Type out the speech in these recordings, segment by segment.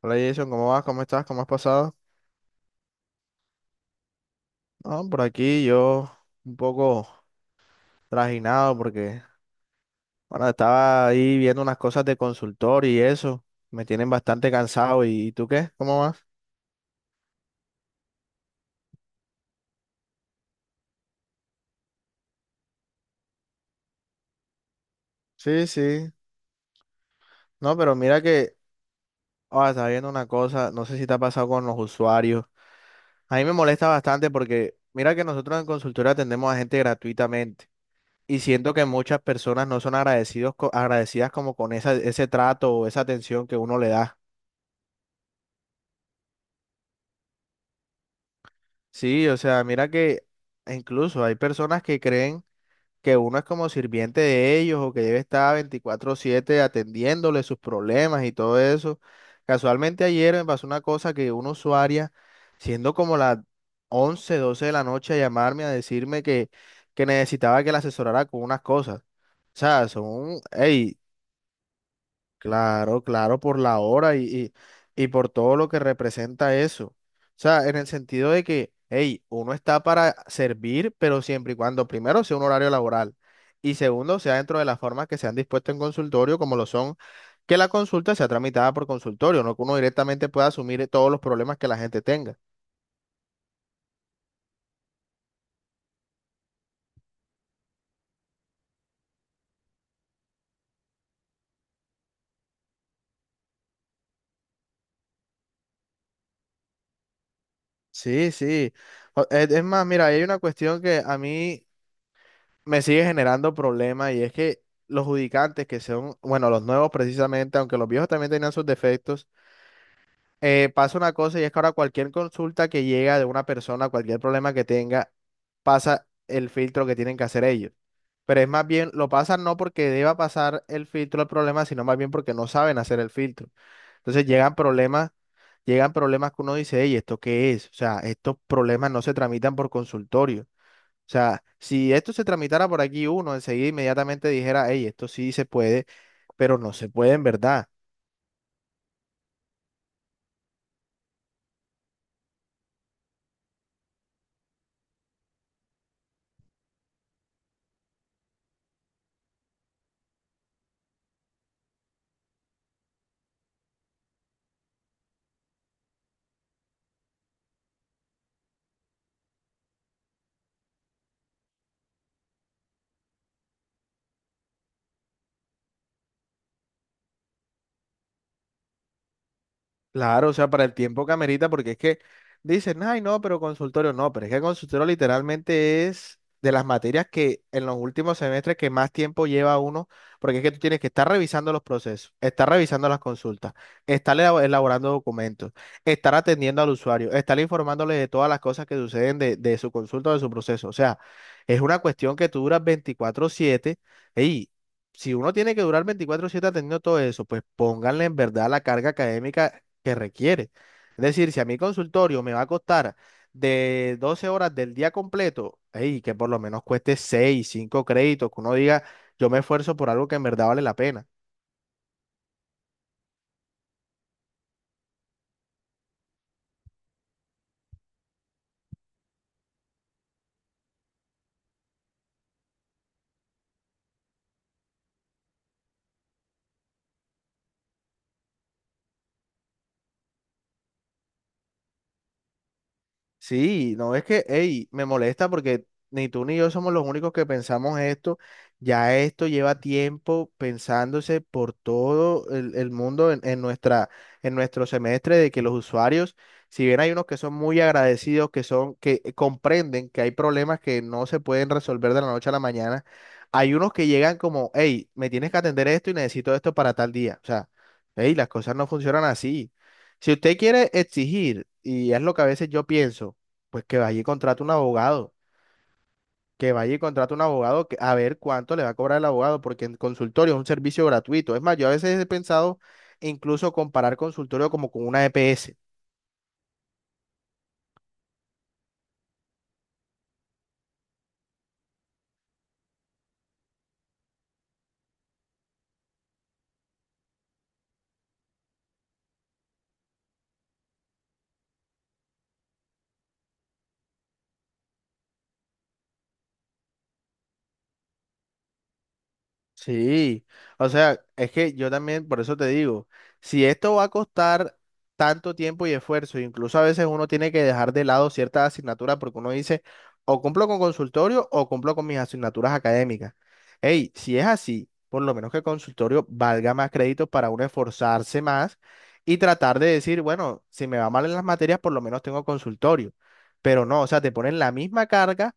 Hola Jason, ¿cómo vas? ¿Cómo estás? ¿Cómo has pasado? No, por aquí yo un poco trajinado porque, bueno, estaba ahí viendo unas cosas de consultor y eso. Me tienen bastante cansado. ¿Y tú qué? ¿Cómo vas? Sí, sí. No, pero mira que, ah, estaba viendo una cosa, no sé si te ha pasado con los usuarios. A mí me molesta bastante porque, mira que nosotros en consultoría atendemos a gente gratuitamente. Y siento que muchas personas no son agradecidos, agradecidas como con ese trato o esa atención que uno le da. Sí, o sea, mira que incluso hay personas que creen que uno es como sirviente de ellos o que debe estar 24/7 atendiéndole sus problemas y todo eso. Casualmente ayer me pasó una cosa que una usuaria, siendo como las 11, 12 de la noche, a llamarme a decirme que necesitaba que la asesorara con unas cosas. O sea, son, hey. Claro, claro, por la hora y por todo lo que representa eso. O sea, en el sentido de que, hey, uno está para servir, pero siempre y cuando, primero, sea un horario laboral y segundo, sea dentro de las formas que se han dispuesto en consultorio, como lo son, que la consulta sea tramitada por consultorio, no que uno directamente pueda asumir todos los problemas que la gente tenga. Sí, sí. Es más, mira, hay una cuestión que a mí me sigue generando problemas y es que los judicantes que son, bueno, los nuevos precisamente, aunque los viejos también tenían sus defectos, pasa una cosa y es que ahora cualquier consulta que llega de una persona, cualquier problema que tenga, pasa el filtro que tienen que hacer ellos. Pero es más bien, lo pasan no porque deba pasar el filtro el problema, sino más bien porque no saben hacer el filtro. Entonces llegan problemas que uno dice, hey, ¿esto qué es? O sea, estos problemas no se tramitan por consultorio. O sea, si esto se tramitara por aquí uno, enseguida inmediatamente dijera, hey, esto sí se puede, pero no se puede en verdad. Claro, o sea, para el tiempo que amerita, porque es que dicen, ay, no, pero consultorio no, pero es que el consultorio literalmente es de las materias que en los últimos semestres que más tiempo lleva uno, porque es que tú tienes que estar revisando los procesos, estar revisando las consultas, estar elaborando documentos, estar atendiendo al usuario, estar informándole de todas las cosas que suceden de su consulta o de su proceso. O sea, es una cuestión que tú duras 24/7 y si uno tiene que durar 24/7 atendiendo todo eso, pues pónganle en verdad la carga académica que requiere. Es decir, si a mi consultorio me va a costar de 12 horas del día completo, ey, que por lo menos cueste 6, 5 créditos, que uno diga, yo me esfuerzo por algo que en verdad vale la pena. Sí, no es que, hey, me molesta porque ni tú ni yo somos los únicos que pensamos esto. Ya esto lleva tiempo pensándose por todo el mundo en nuestro semestre de que los usuarios, si bien hay unos que son muy agradecidos, que son, que comprenden que hay problemas que no se pueden resolver de la noche a la mañana, hay unos que llegan como, hey, me tienes que atender esto y necesito esto para tal día. O sea, hey, las cosas no funcionan así. Si usted quiere exigir, y es lo que a veces yo pienso, pues que vaya y contrate un abogado, que vaya y contrate un abogado a ver cuánto le va a cobrar el abogado, porque en consultorio es un servicio gratuito. Es más, yo a veces he pensado incluso comparar consultorio como con una EPS. Sí, o sea, es que yo también, por eso te digo, si esto va a costar tanto tiempo y esfuerzo, incluso a veces uno tiene que dejar de lado ciertas asignaturas porque uno dice, o cumplo con consultorio o cumplo con mis asignaturas académicas. Hey, si es así, por lo menos que el consultorio valga más créditos para uno esforzarse más y tratar de decir, bueno, si me va mal en las materias, por lo menos tengo consultorio. Pero no, o sea, te ponen la misma carga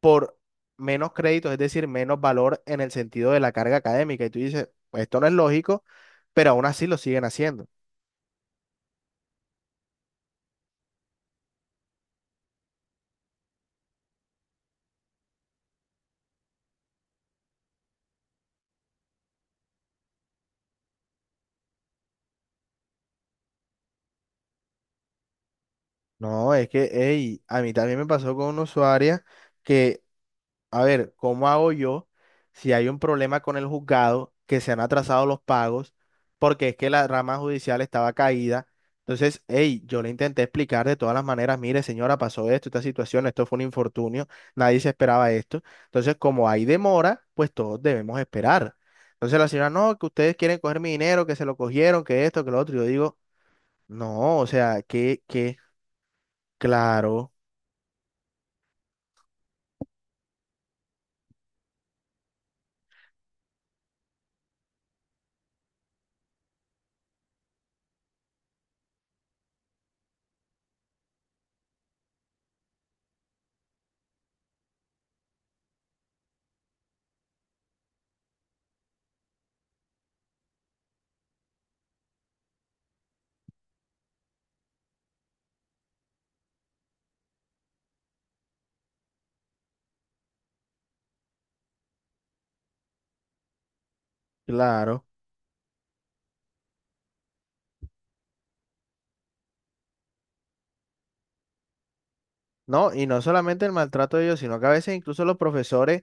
por menos créditos, es decir, menos valor en el sentido de la carga académica. Y tú dices, "Pues esto no es lógico, pero aún así lo siguen haciendo." No, es que, ey, a mí también me pasó con una usuaria que A ver, ¿cómo hago yo si hay un problema con el juzgado que se han atrasado los pagos porque es que la rama judicial estaba caída? Entonces, hey, yo le intenté explicar de todas las maneras, mire, señora, pasó esto, esta situación, esto fue un infortunio, nadie se esperaba esto. Entonces, como hay demora, pues todos debemos esperar. Entonces la señora, no, que ustedes quieren coger mi dinero, que se lo cogieron, que esto, que lo otro. Yo digo, no, o sea, claro, claro. No, y no solamente el maltrato de ellos, sino que a veces incluso los profesores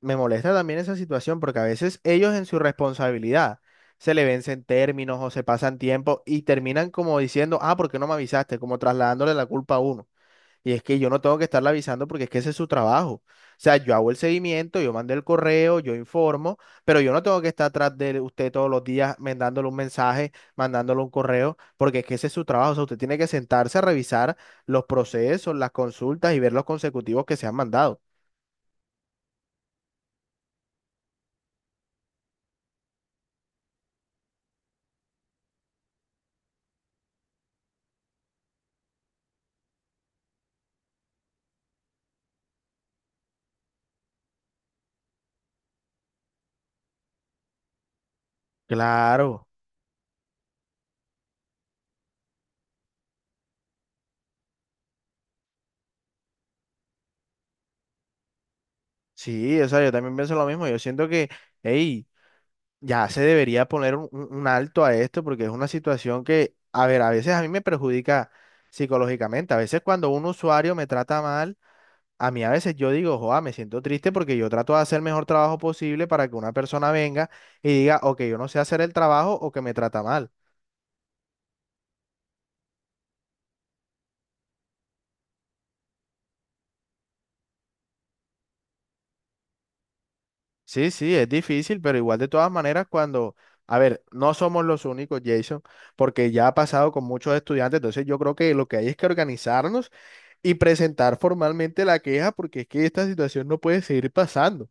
me molesta también esa situación porque a veces ellos en su responsabilidad se le vencen términos o se pasan tiempo y terminan como diciendo, ah, ¿por qué no me avisaste? Como trasladándole la culpa a uno. Y es que yo no tengo que estarle avisando porque es que ese es su trabajo. O sea, yo hago el seguimiento, yo mando el correo, yo informo, pero yo no tengo que estar atrás de usted todos los días mandándole un mensaje, mandándole un correo, porque es que ese es su trabajo. O sea, usted tiene que sentarse a revisar los procesos, las consultas y ver los consecutivos que se han mandado. Claro. Sí, o sea, yo también pienso lo mismo. Yo siento que, hey, ya se debería poner un alto a esto porque es una situación que, a ver, a veces a mí me perjudica psicológicamente. A veces cuando un usuario me trata mal, a mí a veces yo digo, joa, me siento triste porque yo trato de hacer el mejor trabajo posible para que una persona venga y diga, o que yo no sé hacer el trabajo o que me trata mal. Sí, sí, es difícil, pero igual de todas maneras cuando, a ver, no somos los únicos, Jason, porque ya ha pasado con muchos estudiantes. Entonces yo creo que lo que hay es que organizarnos y presentar formalmente la queja porque es que esta situación no puede seguir pasando.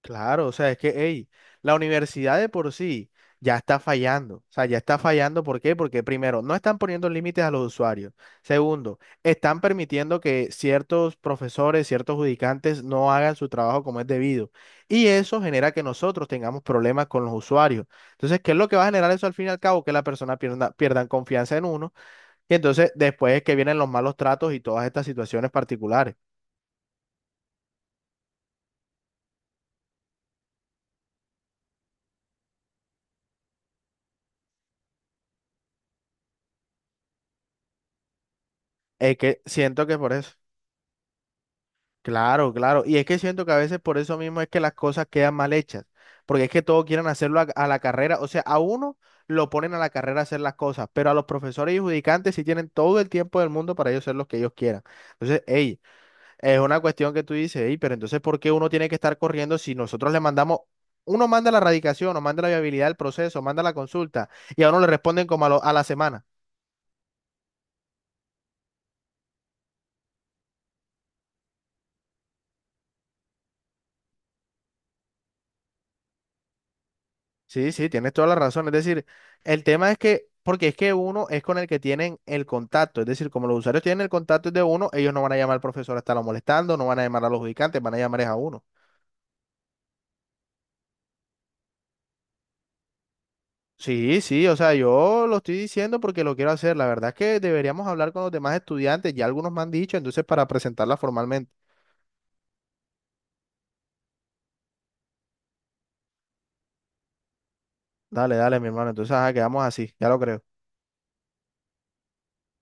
Claro, o sea, es que, hey, la universidad de por sí ya está fallando. O sea, ya está fallando. ¿Por qué? Porque primero, no están poniendo límites a los usuarios. Segundo, están permitiendo que ciertos profesores, ciertos judicantes no hagan su trabajo como es debido. Y eso genera que nosotros tengamos problemas con los usuarios. Entonces, ¿qué es lo que va a generar eso al fin y al cabo? Que la persona pierda, pierdan confianza en uno. Y entonces después es que vienen los malos tratos y todas estas situaciones particulares. Es que siento que por eso. Claro, claro. Y es que siento que a veces por eso mismo es que las cosas quedan mal hechas. Porque es que todos quieren hacerlo a la carrera. O sea, a uno lo ponen a la carrera a hacer las cosas, pero a los profesores y judicantes sí tienen todo el tiempo del mundo para ellos hacer lo que ellos quieran. Entonces, hey, es una cuestión que tú dices, hey, pero entonces, ¿por qué uno tiene que estar corriendo si nosotros le mandamos, uno manda la radicación, o manda la viabilidad del proceso, manda la consulta, y a uno le responden como a la semana? Sí, sí, tienes toda la razón. Es decir, el tema es que, porque es que uno es con el que tienen el contacto. Es decir, como los usuarios tienen el contacto de uno, ellos no van a llamar al profesor a estarlo molestando, no van a llamar a los ubicantes, van a llamar es a uno. Sí, sí, o sea, yo lo estoy diciendo porque lo quiero hacer. La verdad es que deberíamos hablar con los demás estudiantes, ya algunos me han dicho, entonces para presentarla formalmente. Dale, dale, mi hermano. Entonces, ajá, quedamos así, ya lo creo.